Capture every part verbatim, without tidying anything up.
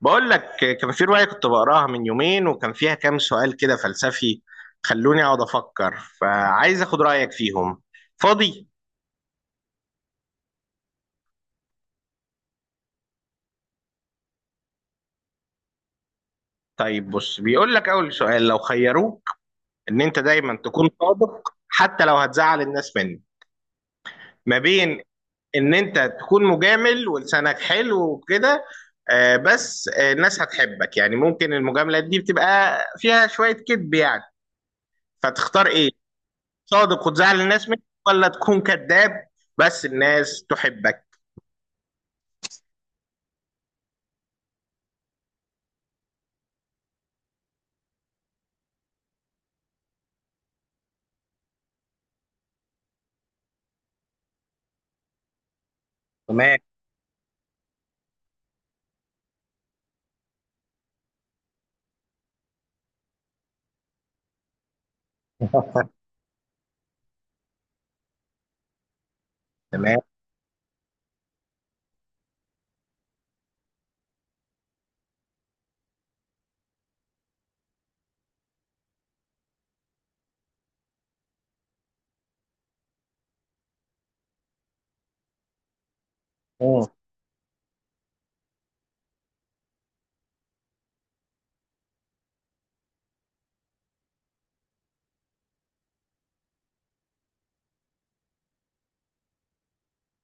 بقول لك، كان في رواية كنت بقراها من يومين وكان فيها كام سؤال كده فلسفي. خلوني اقعد افكر، فعايز اخد رأيك فيهم. فاضي؟ طيب بص، بيقول لك اول سؤال: لو خيروك ان انت دايما تكون صادق حتى لو هتزعل الناس منك، ما بين ان انت تكون مجامل ولسانك حلو وكده. آه، بس آه، الناس هتحبك، يعني ممكن المجاملات دي بتبقى فيها شوية كذب يعني. فتختار ايه؟ صادق وتزعل الناس منك، ولا تكون كذاب بس الناس تحبك؟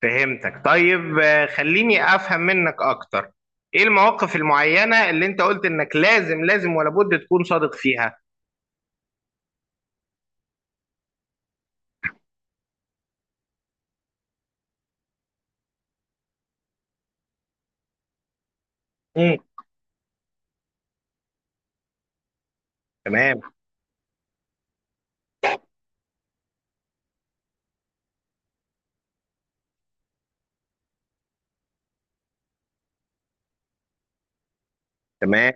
فهمتك. طيب آه، خليني افهم منك اكتر. ايه المواقف المعينة اللي انت قلت انك لازم لازم ولا بد تكون صادق فيها؟ مم. تمام. تمام.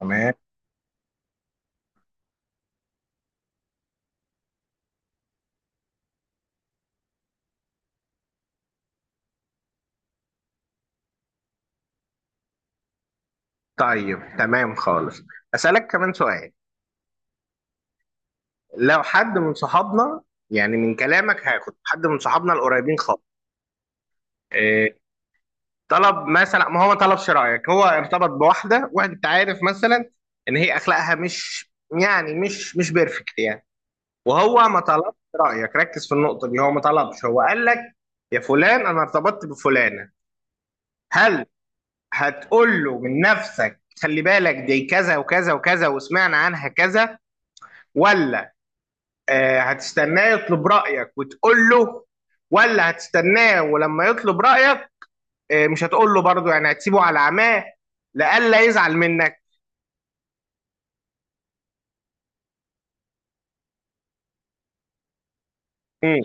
تمام. طيب تمام خالص. اسالك كمان سؤال. لو حد من صحابنا، يعني من كلامك هاخد حد من صحابنا القريبين خالص، آه، طلب، مثلا ما هو ما طلبش رأيك، هو ارتبط بواحدة، واحد انت عارف مثلا ان هي اخلاقها مش، يعني مش مش بيرفكت يعني، وهو ما طلبش رأيك. ركز في النقطة دي، هو ما طلبش، هو قال لك يا فلان انا ارتبطت بفلانة. هل هتقول له من نفسك خلي بالك دي كذا وكذا وكذا وسمعنا عنها كذا، ولا آه هتستناه يطلب رأيك وتقول له، ولا هتستناه ولما يطلب رأيك آه، مش هتقول له برضه، يعني هتسيبه على عماه لئلا يزعل منك؟ امم.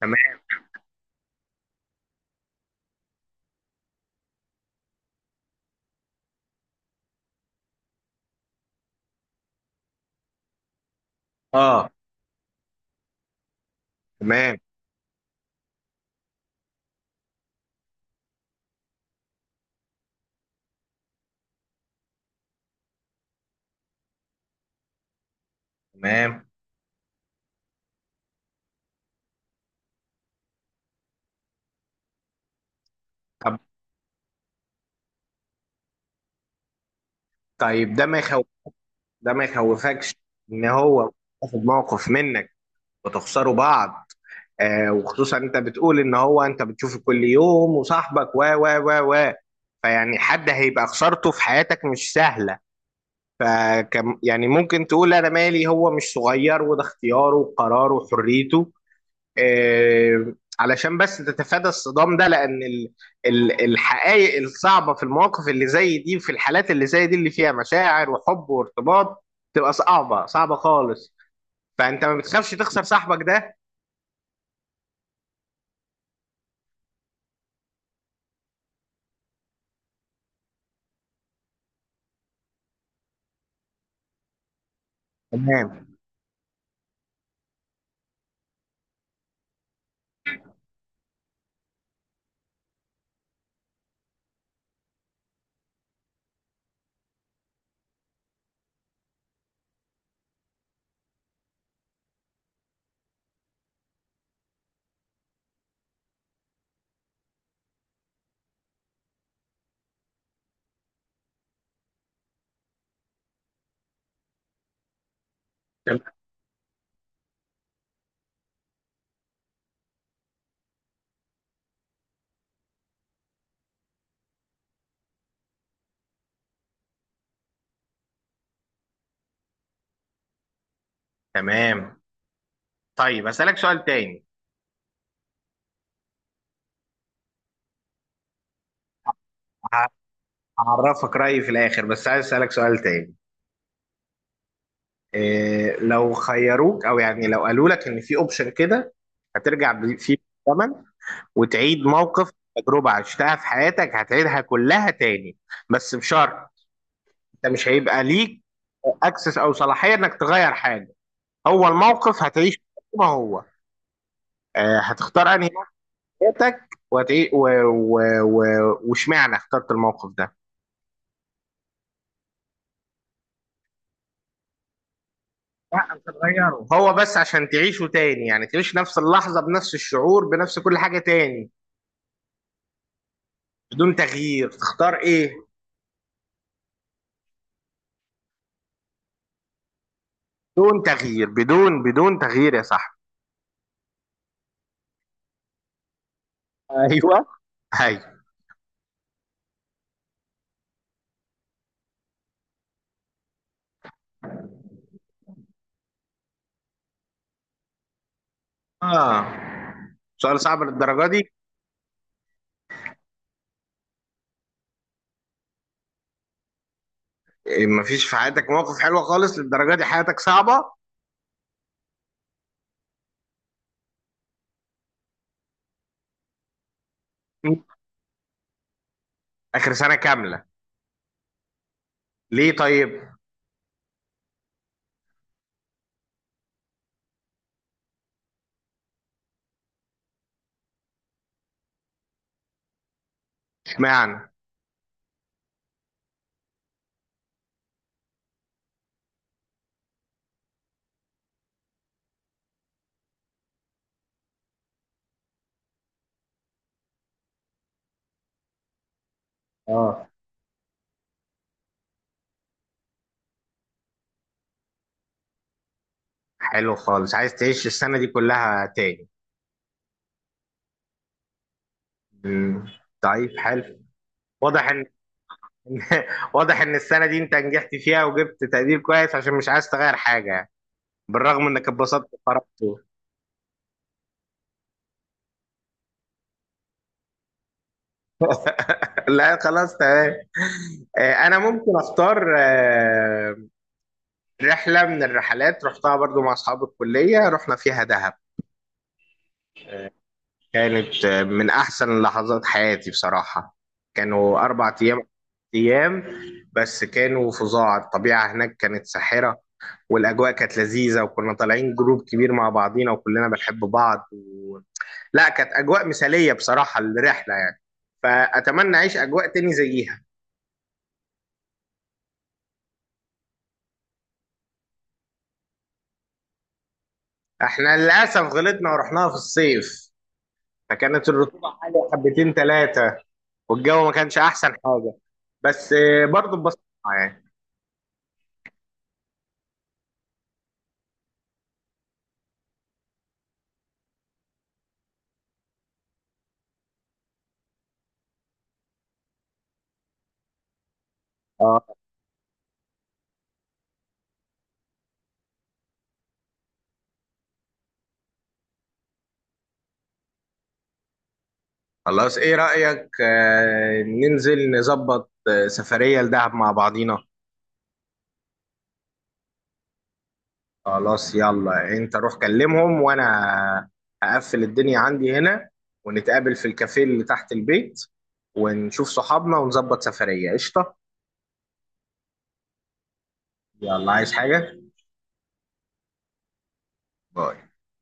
تمام. اه. تمام. تمام. طب طيب ده ما يخوف، ده ما يخوفكش ان هو ياخد موقف منك وتخسروا بعض؟ آه، وخصوصا انت بتقول ان هو انت بتشوفه كل يوم وصاحبك و و و و، فيعني حد هيبقى خسارته في حياتك مش سهله. فكم يعني ممكن تقول انا مالي، هو مش صغير وده اختياره وقراره وحريته، آه، علشان بس تتفادى الصدام ده، لان ال- ال- الحقائق الصعبه في المواقف اللي زي دي، في الحالات اللي زي دي اللي فيها مشاعر وحب وارتباط، تبقى صعبه صعبه خالص. فانت ما بتخافش تخسر صاحبك ده؟ تمام. تمام. تمام. طيب اسالك سؤال تاني. ه- هعرفك رايي في الاخر بس عايز اسالك سؤال تاني. إيه، لو خيروك، او يعني لو قالوا لك ان في اوبشن كده هترجع بي- فيه بالزمن وتعيد موقف، تجربة عشتها في حياتك هتعيدها كلها تاني، بس بشرط انت مش هيبقى ليك اكسس او صلاحية انك تغير حاجة، هو الموقف هتعيش زي ما هو، آه، هتختار انهي نوع في حياتك؟ وهتعي- و- و- و- واشمعنى اخترت الموقف ده؟ لا انت تغيره، هو بس عشان تعيشه تاني، يعني تعيش نفس اللحظة بنفس الشعور بنفس كل حاجة تاني بدون تغيير. تختار ايه؟ بدون تغيير، بدون بدون تغيير يا صاحبي. ايوه. اه، سؤال صعب للدرجة دي؟ إيه، مفيش في حياتك موقف حلو خالص للدرجة دي؟ حياتك صعبة. مم. آخر سنة كاملة؟ ليه طيب؟ اشمعنى؟ اه، حلو خالص. عايز تعيش السنة دي كلها تاني؟ مم. طيب حلو. واضح ان واضح ان السنة دي انت نجحت فيها وجبت تقدير كويس عشان مش عايز تغير حاجة يعني. بالرغم انك اتبسطت وخرجت. لا خلاص تمام. آه، انا ممكن اختار آه، رحلة من الرحلات رحتها برضو مع أصحاب الكلية، رحنا فيها دهب. كانت من أحسن لحظات حياتي بصراحة. كانوا أربع أيام، أيام بس كانوا فظاع. الطبيعة هناك كانت ساحرة، والأجواء كانت لذيذة، وكنا طالعين جروب كبير مع بعضينا وكلنا بنحب بعض و... لا كانت أجواء مثالية بصراحة الرحلة يعني. فأتمنى أعيش أجواء تاني زيها. احنا للأسف غلطنا ورحناها في الصيف، فكانت الرطوبة عالية حبتين ثلاثة، والجو ما كانش احسن حاجه، بس آه، برضه اتبسطنا يعني. اه خلاص، ايه رايك آه، ننزل نظبط آه، سفريه لدهب مع بعضينا؟ خلاص يلا، انت روح كلمهم وانا هقفل الدنيا عندي هنا، ونتقابل في الكافيه اللي تحت البيت، ونشوف صحابنا ونظبط سفريه قشطه. يلا، عايز حاجه؟ باي.